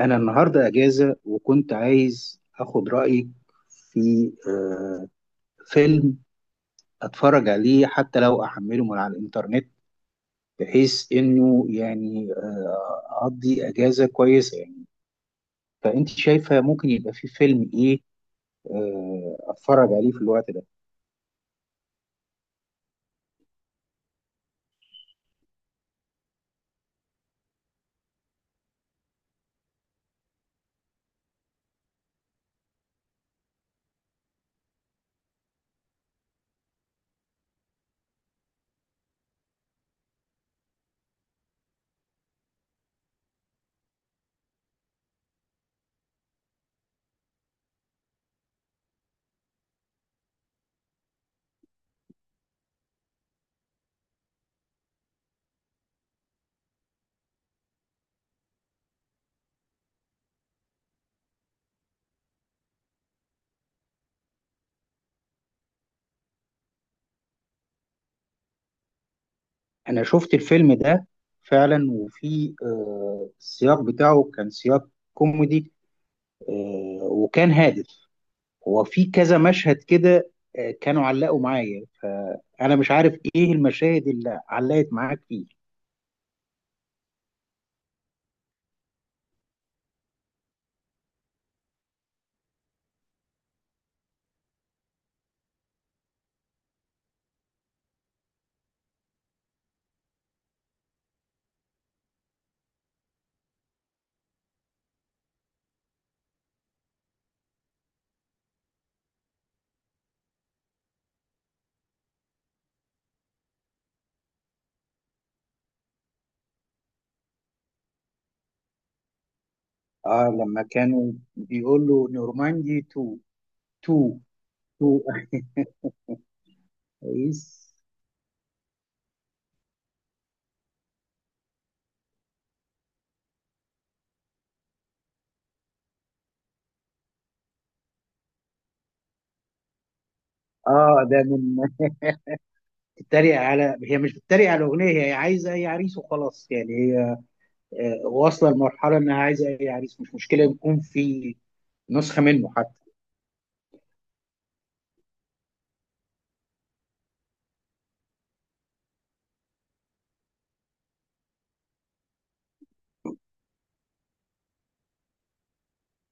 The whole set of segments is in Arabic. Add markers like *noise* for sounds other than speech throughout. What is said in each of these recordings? أنا النهاردة أجازة وكنت عايز أخد رأيك في فيلم أتفرج عليه حتى لو أحمله من على الإنترنت، بحيث إنه يعني أقضي أجازة كويسة يعني. فأنت شايفة ممكن يبقى في فيلم إيه أتفرج عليه في الوقت ده؟ أنا شفت الفيلم ده فعلا، وفي السياق بتاعه كان سياق كوميدي، وكان هادف. هو في كذا مشهد كده كانوا علقوا معايا، فأنا مش عارف إيه المشاهد اللي علقت معاك فيه. آه، لما كانوا بيقول له نورماندي 2، 2، 2. كويس. آه، ده من بتتريق على هي مش بتتريق على الأغنية، هي عايزة أي عريس وخلاص، يعني هي واصلة لمرحلة إنها عايزة أي عريس، مش مشكلة يكون في نسخة منه حتى.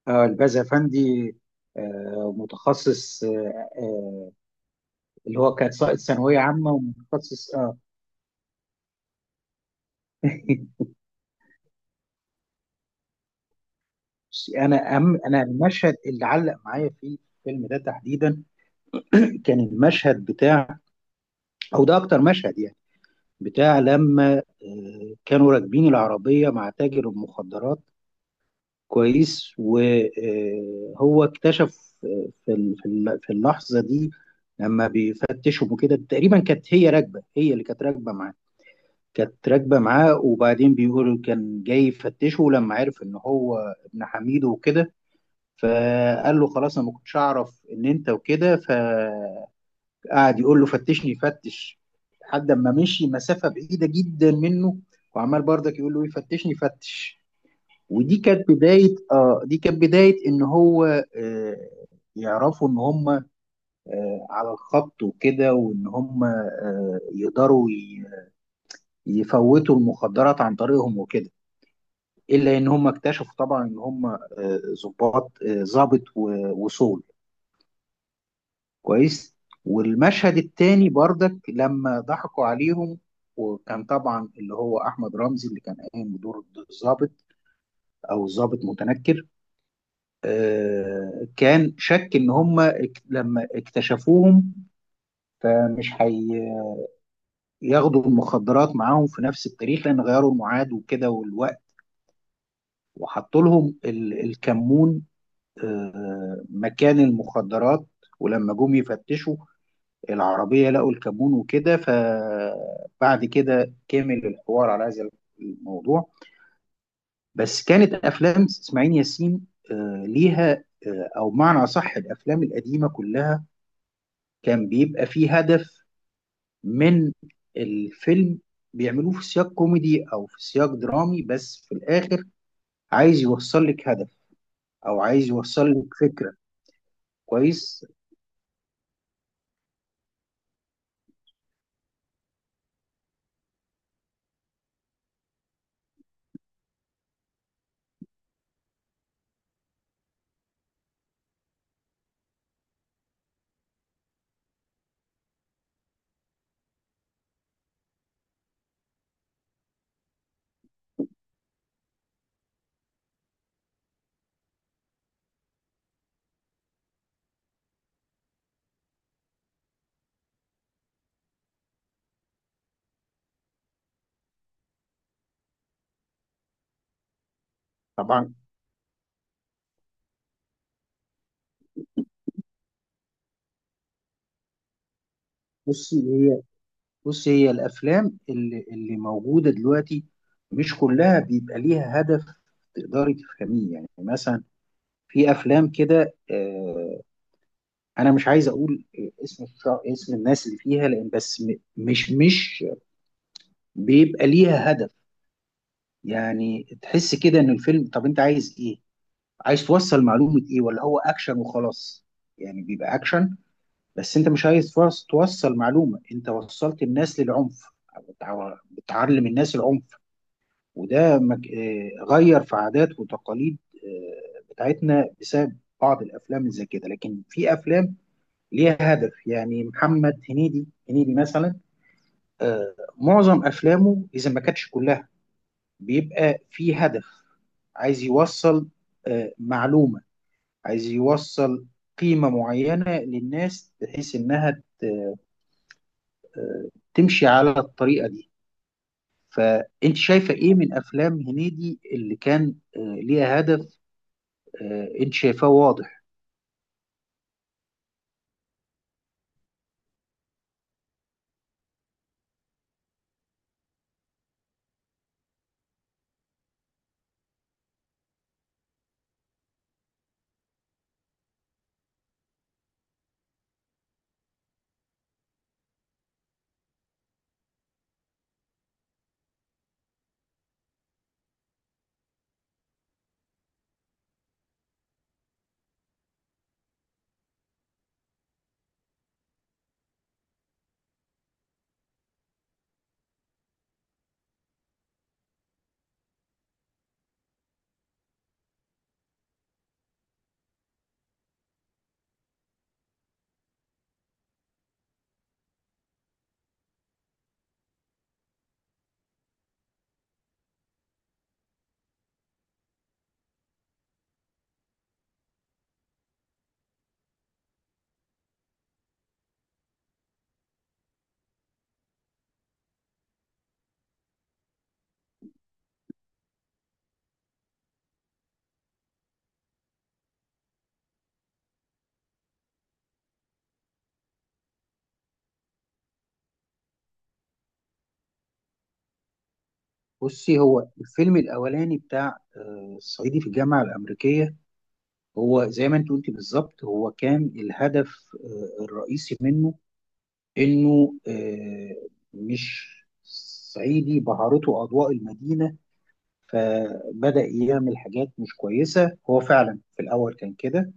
آه، الباز أفندي، متخصص، اللي هو كان ساقط ثانويه عامه ومتخصص اه *laughs* بس انا المشهد اللي علق معايا في الفيلم ده تحديدا *clears throat* كان المشهد بتاع، او ده اكتر مشهد يعني، بتاع لما كانوا راكبين العربيه مع تاجر المخدرات. كويس. وهو اكتشف في اللحظه دي، لما بيفتشهم وكده تقريبا، كانت هي راكبه، هي اللي كانت راكبه معاه، كانت راكبة معاه. وبعدين بيقول كان جاي يفتشه لما عرف ان هو ابن حميد وكده، فقال له خلاص انا ما كنتش اعرف ان انت وكده، فقعد يقول له فتشني فتش، لحد ما مشي مسافة بعيدة جدا منه، وعمال برضك يقول له إيه، فتشني فتش. ودي كانت بداية، ان هو آه يعرفوا ان هم على الخط وكده، وان هم يقدروا يفوتوا المخدرات عن طريقهم وكده، الا ان هم اكتشفوا طبعا ان هم ضباط، ضابط وصول. كويس. والمشهد التاني بردك لما ضحكوا عليهم، وكان طبعا اللي هو احمد رمزي اللي كان قايم بدور الضابط، او الضابط متنكر، كان شك ان هم لما اكتشفوهم، فمش هياخدوا المخدرات معاهم في نفس التاريخ، لان غيروا الميعاد وكده والوقت، وحطوا لهم الكمون مكان المخدرات. ولما جم يفتشوا العربية لقوا الكمون وكده، فبعد كده كمل الحوار على هذا الموضوع. بس كانت أفلام إسماعيل ياسين ليها، أو معنى أصح الأفلام القديمة كلها، كان بيبقى فيه هدف من الفيلم. بيعملوه في سياق كوميدي أو في سياق درامي، بس في الآخر عايز يوصل لك هدف، أو عايز يوصل لك فكرة. كويس. طبعا. بصي، هي الافلام اللي موجوده دلوقتي، مش كلها بيبقى ليها هدف تقدري تفهميه. يعني مثلا في افلام كده، انا مش عايز اقول اسم الناس اللي فيها، لان بس مش بيبقى ليها هدف. يعني تحس كده ان الفيلم، طب انت عايز ايه؟ عايز توصل معلومه ايه، ولا هو اكشن وخلاص؟ يعني بيبقى اكشن، بس انت مش عايز توصل معلومه، انت وصلت الناس للعنف، بتعلم الناس العنف. وده مك... آه، غير في عادات وتقاليد بتاعتنا بسبب بعض الافلام زي كده. لكن في افلام ليها هدف، يعني محمد هنيدي مثلا، معظم افلامه اذا ما كانتش كلها بيبقى في هدف. عايز يوصل معلومة، عايز يوصل قيمة معينة للناس، بحيث انها ت- آه، تمشي على الطريقة دي. فانت شايفة ايه من افلام هنيدي اللي كان ليها هدف، انت شايفاه واضح؟ بصي، هو الفيلم الاولاني بتاع الصعيدي في الجامعه الامريكيه، هو زي ما انت قلتي بالظبط، هو كان الهدف الرئيسي منه، انه مش صعيدي بهرته اضواء المدينه فبدأ يعمل حاجات مش كويسة. هو فعلا في الأول كان كده،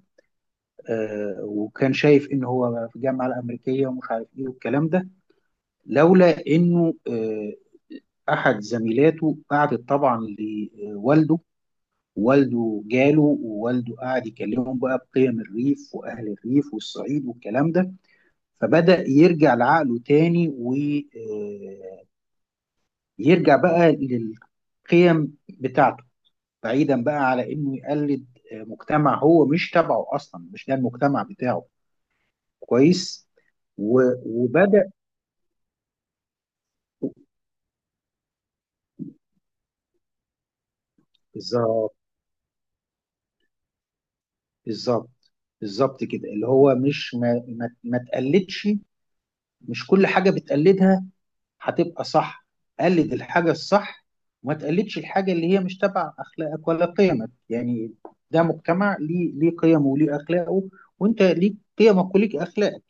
آه، وكان شايف إن هو في الجامعة الأمريكية ومش عارف إيه والكلام ده، لولا إنه أحد زميلاته قعدت طبعا لوالده، والده جاله، ووالده قعد يكلمهم بقى بقيم الريف وأهل الريف والصعيد والكلام ده، فبدأ يرجع لعقله تاني، ويرجع بقى للقيم بتاعته، بعيدا بقى على إنه يقلد مجتمع هو مش تبعه أصلا، مش ده المجتمع بتاعه. كويس و- وبدأ. بالظبط. بالظبط. بالظبط كده، اللي هو مش ما تقلدش. مش كل حاجة بتقلدها هتبقى صح، قلد الحاجة الصح، وما تقلدش الحاجة اللي هي مش تبع أخلاقك ولا قيمك يعني. ده مجتمع ليه قيمه وليه أخلاقه، وأنت ليك قيمك وليك أخلاقك.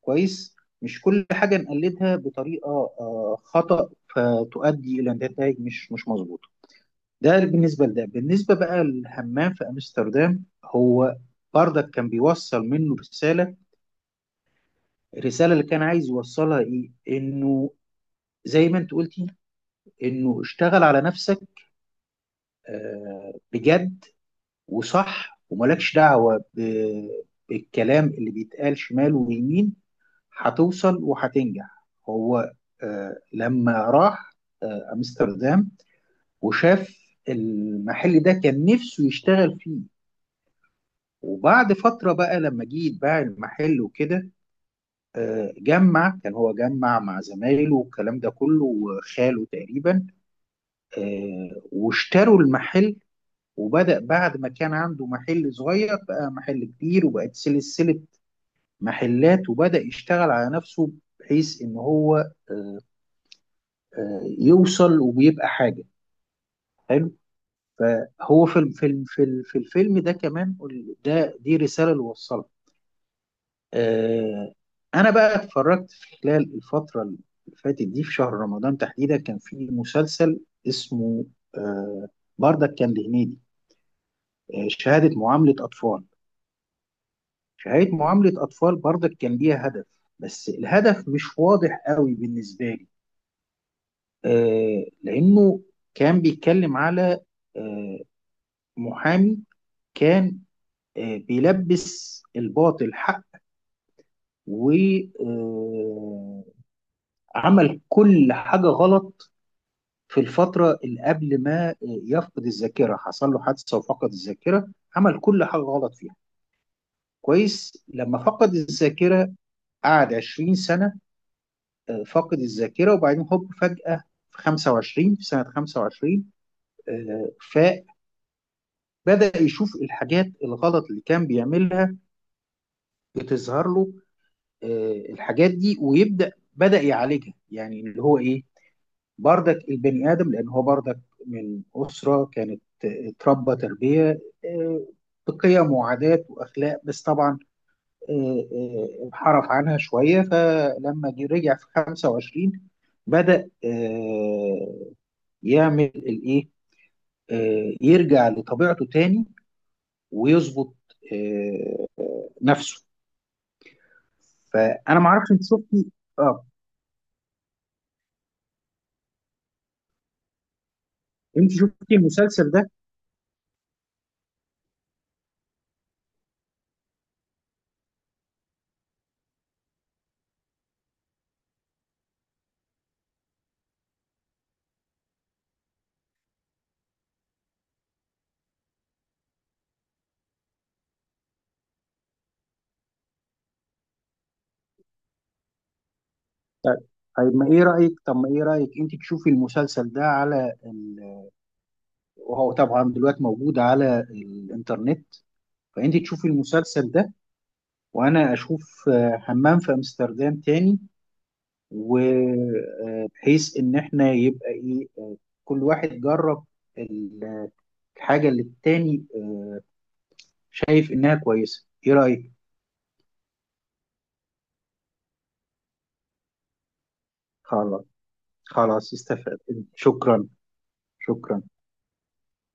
كويس. مش كل حاجة نقلدها بطريقة خطأ، فتؤدي إلى نتائج مش مظبوطة. ده بالنسبة لده، بالنسبة بقى للهمام في أمستردام، هو برضك كان بيوصل منه رسالة. الرسالة اللي كان عايز يوصلها إيه؟ إنه زي ما انت قلتي، انه اشتغل على نفسك بجد وصح، وملكش دعوة بالكلام اللي بيتقال شمال ويمين، هتوصل وهتنجح. هو لما راح امستردام وشاف المحل ده كان نفسه يشتغل فيه. وبعد فترة بقى لما جه يتباع المحل وكده، جمع، كان هو جمع مع زمايله والكلام ده كله وخاله تقريبا، واشتروا المحل. وبدأ بعد ما كان عنده محل صغير بقى محل كبير، وبقت سلسلة محلات، وبدأ يشتغل على نفسه، بحيث إن هو آه، يوصل، وبيبقى حاجة حلو. فهو في في الفيلم ده كمان، ده دي رسالة اللي وصلها. آه، أنا بقى اتفرجت في خلال الفترة اللي فاتت دي، في شهر رمضان تحديدا، كان في مسلسل اسمه آه، بردك كان لهنيدي، شهادة معاملة أطفال. شهادة معاملة أطفال برضك كان ليها هدف، بس الهدف مش واضح قوي بالنسبة لي، آه، لأنه كان بيتكلم على آه محامي، كان بيلبس الباطل حق، وعمل كل حاجة غلط في الفترة اللي قبل ما يفقد الذاكرة. حصل له حادثة وفقد الذاكرة، عمل كل حاجة غلط فيها. كويس. لما فقد الذاكرة قعد 20 سنة فاقد الذاكره، وبعدين هوب فجاه في 25، في سنه 25 آه، فبدا يشوف الحاجات الغلط اللي كان بيعملها بتظهر له الحاجات دي، ويبدا يعالجها. يعني اللي هو ايه، بردك البني ادم، لان هو بردك من اسره كانت اتربى تربيه آه، بقيم وعادات واخلاق، بس طبعا انحرف عنها شويه، فلما رجع في 25 بدأ يعمل الايه، يرجع لطبيعته تاني، ويظبط آه، نفسه. فانا ما اعرفش، انت شفتي اه المسلسل ده؟ طيب. ما ايه رايك انت تشوفي المسلسل ده؟ وهو طبعا دلوقتي موجود على الانترنت. فانت تشوفي المسلسل ده، وانا اشوف همام في امستردام تاني، وبحيث ان احنا يبقى ايه، كل واحد جرب ال- الحاجه اللي التاني شايف انها كويسه. ايه رايك؟ خلاص. خلاص استفدت. شكرا. شكرا.